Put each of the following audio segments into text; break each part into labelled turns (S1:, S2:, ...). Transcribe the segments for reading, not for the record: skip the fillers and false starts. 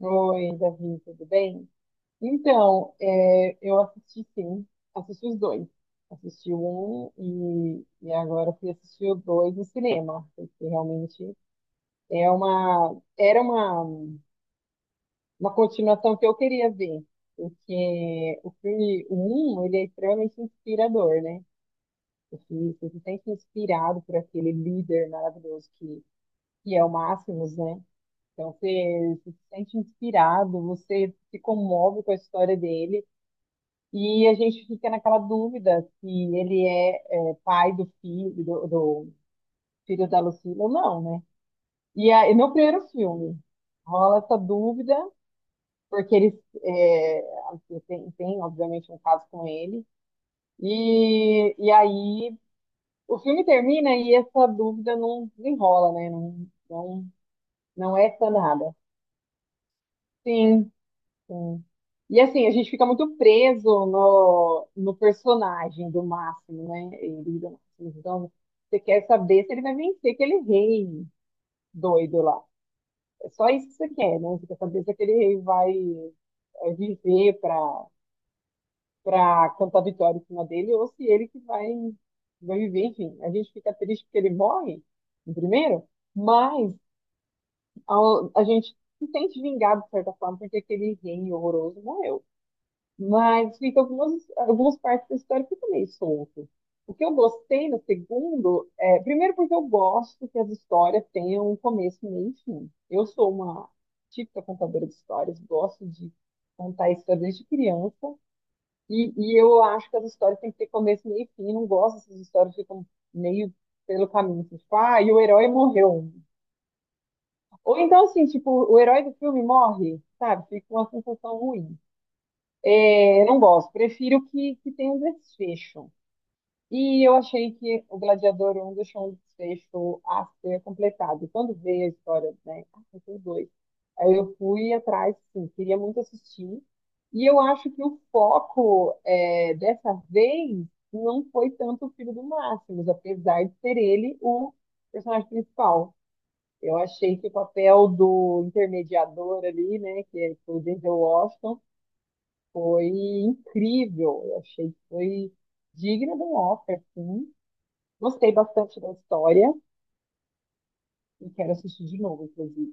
S1: Oi, Davi, tudo bem? Então, eu assisti sim, assisti os dois. Assisti um e agora fui assistir o dois no cinema, porque realmente era uma continuação que eu queria ver, porque o filme um, ele é extremamente inspirador, né? Você se sente inspirado por aquele líder maravilhoso que é o Máximos, né? Então você se sente inspirado, você se comove com a história dele e a gente fica naquela dúvida se ele é pai do filho do filho da Lucila ou não, né? E aí, no primeiro filme rola essa dúvida porque eles é, assim, tem obviamente um caso com ele e aí o filme termina e essa dúvida não desenrola, né? Não, não, não é sanada. Sim, sim. E assim, a gente fica muito preso no personagem do Máximo, né? Ele do Máximo. Então, você quer saber se ele vai vencer aquele rei doido lá. É só isso que você quer, né? Você quer saber se aquele rei vai viver para cantar vitória em cima dele ou se ele que vai viver. Enfim, a gente fica triste porque ele morre, no primeiro, mas a gente se sente vingado, de certa forma, porque aquele rei horroroso morreu. Mas fica algumas partes da história fica meio solto. O que eu gostei no segundo é, primeiro porque eu gosto que as histórias tenham um começo, um meio e fim. Eu sou uma típica contadora de histórias, gosto de contar histórias desde criança, e eu acho que as histórias têm que ter começo, meio e fim. Não gosto dessas histórias que ficam meio pelo caminho, assim, tipo, ah, e o herói morreu. Ou então, assim, tipo, o herói do filme morre, sabe? Fica uma sensação ruim. É, eu não gosto, prefiro que tenha um desfecho. E eu achei que o Gladiador 1 deixou um desfecho a ser completado. Quando veio a história, né? Ah, tem dois. Aí eu fui atrás, sim, queria muito assistir. E eu acho que o foco dessa vez não foi tanto o filho do Máximos, apesar de ser ele o personagem principal. Eu achei que o papel do intermediador ali, né, que é o Denzel Washington, foi incrível. Eu achei que foi digna de um Oscar, sim. Gostei bastante da história e quero assistir de novo, inclusive.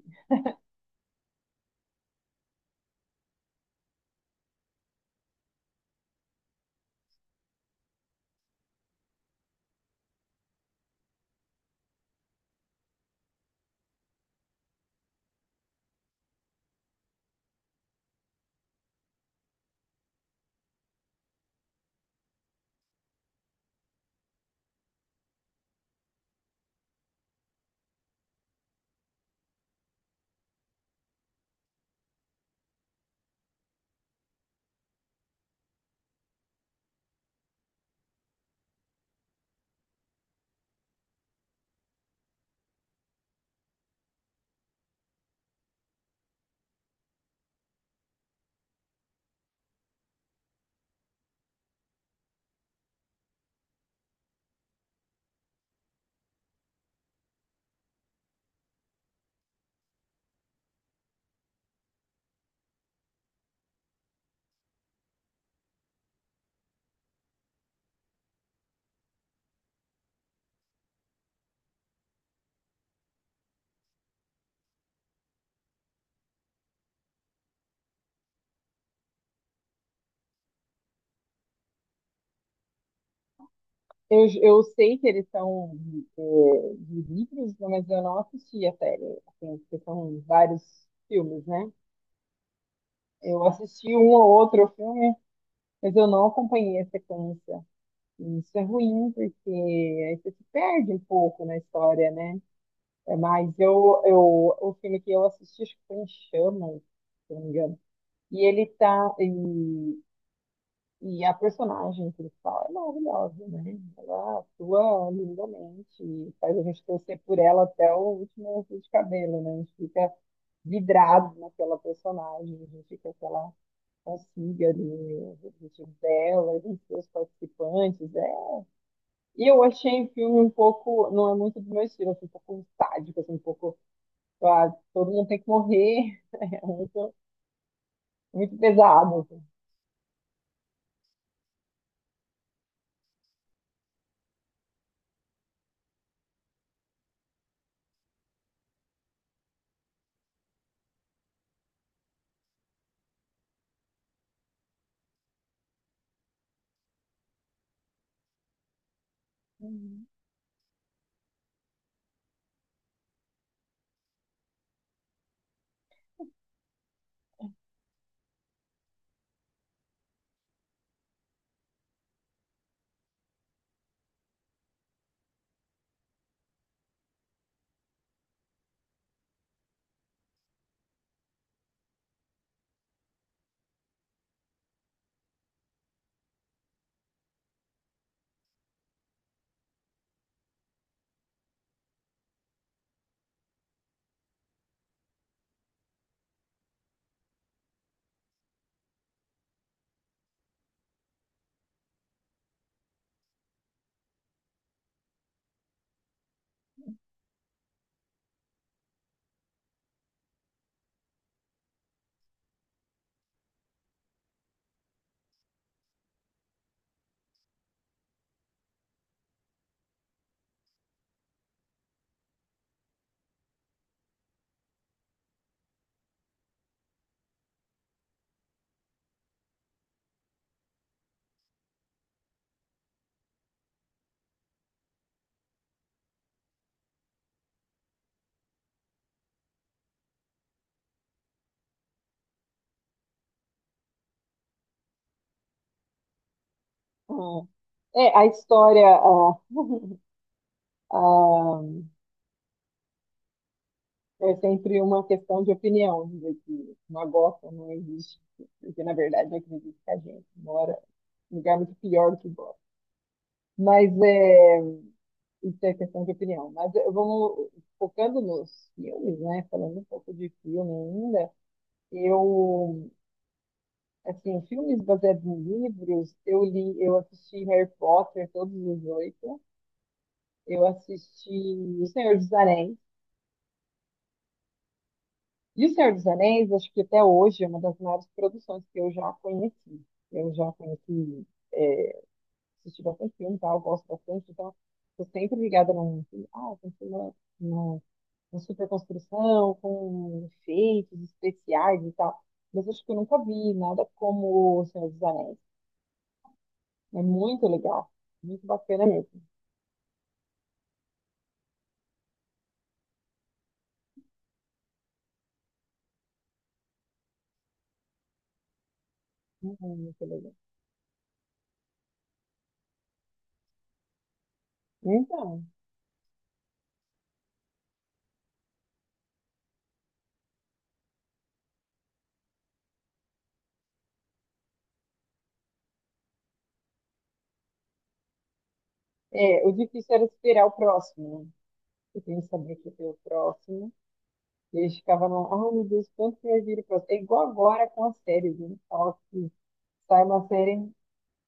S1: Eu sei que eles são de livros, né, mas eu não assisti a série, assim, porque são vários filmes, né? Eu assisti um ou outro filme, mas eu não acompanhei a sequência. E isso é ruim, porque aí você se perde um pouco na história, né? É, mas eu o filme que eu assisti, acho que foi em Chamas, se eu não me engano. E ele tá. E a personagem principal é maravilhosa, né? Ela atua lindamente, faz a gente torcer por ela até o último fio de cabelo, né? A gente fica vidrado naquela personagem, a gente fica com ela consiga ali, os objetivos dela, e dos seus participantes. É. E eu achei o filme um pouco, não é muito do meu estilo, assim, um pouco sádico, assim, um pouco, ah, todo mundo tem que morrer, é muito, muito pesado. Assim. Hum. É, a história, ah, ah, é sempre uma questão de opinião, dizer que uma Gotham não existe, porque na verdade eu acredito que a gente mora em um lugar muito pior que Gotham. Mas isso é questão de opinião. Mas vamos focando nos filmes, né? Falando um pouco de filme ainda, eu assim, filmes baseados em livros, eu li, eu assisti Harry Potter, todos os oito. Eu assisti O Senhor dos Anéis. E O Senhor dos Anéis, acho que até hoje é uma das maiores produções que eu já conheci. Eu já conheci, é, assisti bastante filme e tal, gosto bastante, então estou sempre ligada num filme. Ah, tem filme uma super construção, com efeitos especiais e tal. Mas acho que eu nunca vi nada como O Senhor dos Anéis. É muito legal, muito bacana mesmo. Muito legal. Então, o difícil era esperar o próximo, né? Eu tenho que saber que tem o próximo. E eles ficavam lá, ai meu Deus, quanto que vai vir o próximo? É igual agora com as séries, né? Fala que sai uma série,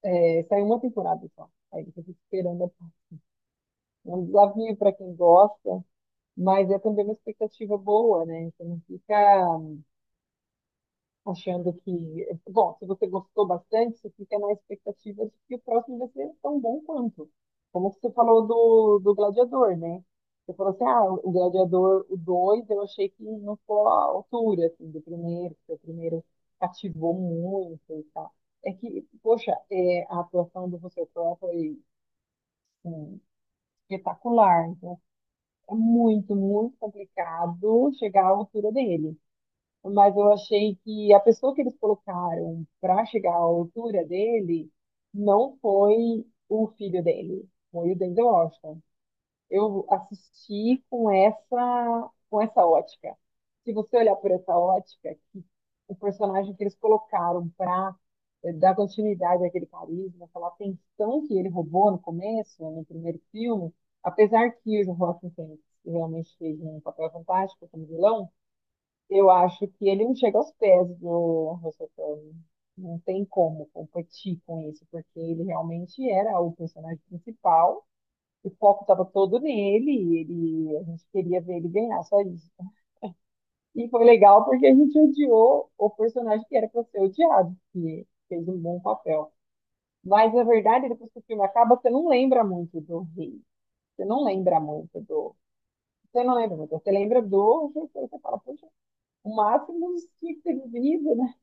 S1: sai uma temporada só. Aí você fica esperando um desafio para quem gosta, mas é também uma expectativa boa, né? Você não fica achando que, bom, se você gostou bastante, você fica na expectativa de que o próximo vai ser tão bom quanto. Como você falou do Gladiador, né? Você falou assim, ah, o Gladiador, o 2 eu achei que não ficou à altura, assim, do primeiro, porque o primeiro cativou muito e tal. É que, poxa, a atuação do Russell Crowe foi espetacular, então é muito, muito complicado chegar à altura dele, mas eu achei que a pessoa que eles colocaram para chegar à altura dele não foi o filho dele, foi o Denzel Washington. Eu assisti com essa ótica. Se você olhar por essa ótica, que o personagem que eles colocaram para dar continuidade àquele carisma, aquela atenção que ele roubou no começo, no primeiro filme, apesar que o Joaquin Phoenix realmente fez um papel fantástico como vilão, eu acho que ele não chega aos pés do Russell Crowe. Não tem como competir com isso, porque ele realmente era o personagem principal. O foco estava todo nele, e ele, a gente queria ver ele ganhar, só isso. E foi legal porque a gente odiou o personagem que era para ser odiado, que fez um bom papel. Mas, na verdade, depois que o filme acaba, você não lembra muito do rei. Você não lembra muito do. Você não lembra muito. Você lembra do. Você fala, poxa, o máximo tinha que ter vivido, né?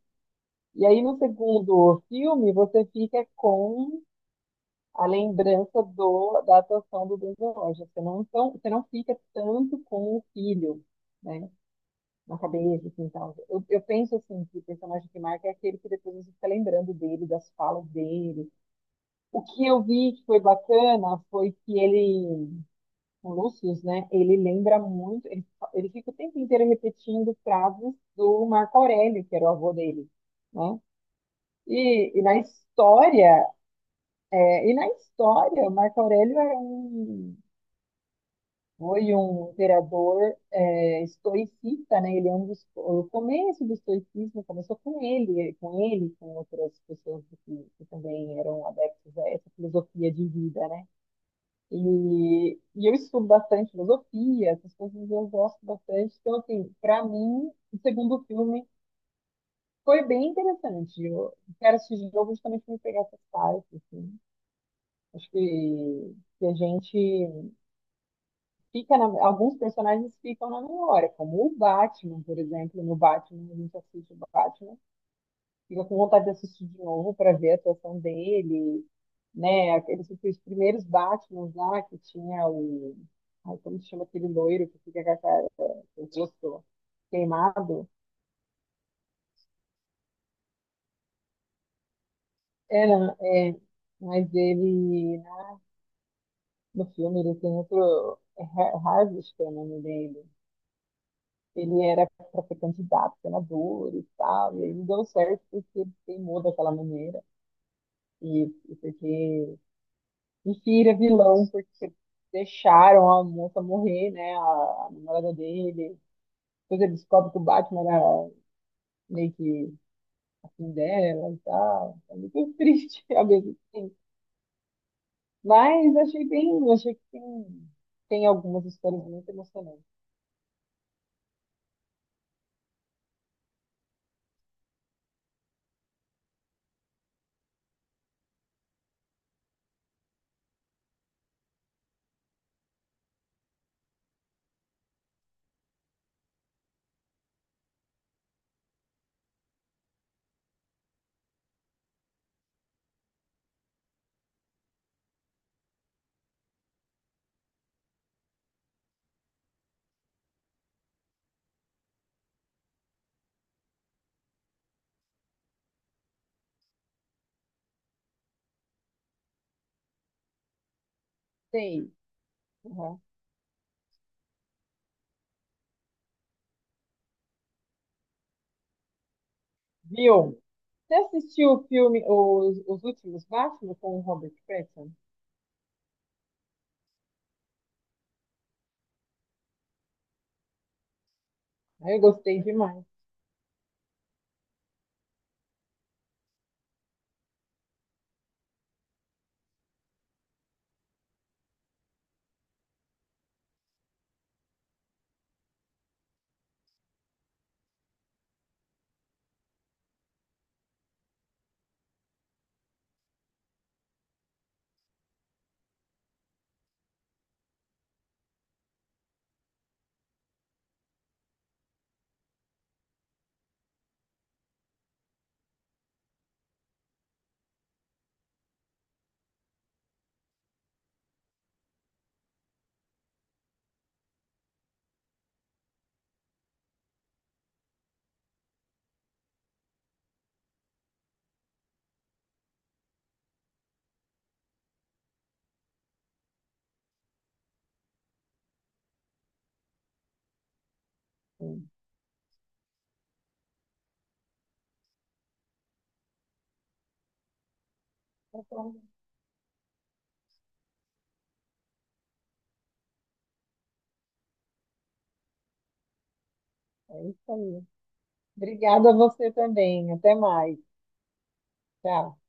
S1: E aí, no segundo filme, você fica com a lembrança do, da atuação do Denzel Washington. Você não, tão, você não fica tanto com o filho, né? Na cabeça, assim, tal. Eu penso, assim, que o personagem que marca é aquele que depois você fica lembrando dele, das falas dele. O que eu vi que foi bacana foi que ele, o Lucius, né? Ele lembra muito, ele fica o tempo inteiro repetindo frases do Marco Aurélio, que era o avô dele, né? E na história, Marco Aurélio era foi um imperador estoicista, né? Ele é um dos, O começo do estoicismo começou com ele, com outras pessoas que também eram adeptos a essa filosofia de vida, né? E eu estudo bastante filosofia, essas coisas eu gosto bastante. Então, assim, para mim, o segundo filme foi bem interessante. Eu quero assistir de novo justamente para me pegar essas partes, assim. Acho que a gente alguns personagens ficam na memória, como o Batman, por exemplo. No Batman, a gente assiste o Batman, fica com vontade de assistir de novo para ver a atuação dele, né? Aqueles os primeiros Batmans lá que tinha o. Ai, como se chama aquele loiro que fica com a cara, o rosto queimado? Era, mas ele, no filme, ele tem outro. É Harvest, que é o nome dele. Ele era para ser candidato, senador e tal, e aí não deu certo porque ele teimou daquela maneira. E, e porque. Enfim, ele é vilão, porque deixaram a moça morrer, né? A namorada dele. Depois ele descobre que o Batman era meio que assim dela e tal. É muito triste, ao mesmo tempo. Mas achei bem, achei que tem algumas histórias muito emocionantes. Sei. Viu? Você assistiu o filme, os últimos Batman com o Robert Pattinson? Ah, eu gostei demais. Sim. Tá bom. É isso aí. Obrigada a você também. Até mais. Tchau.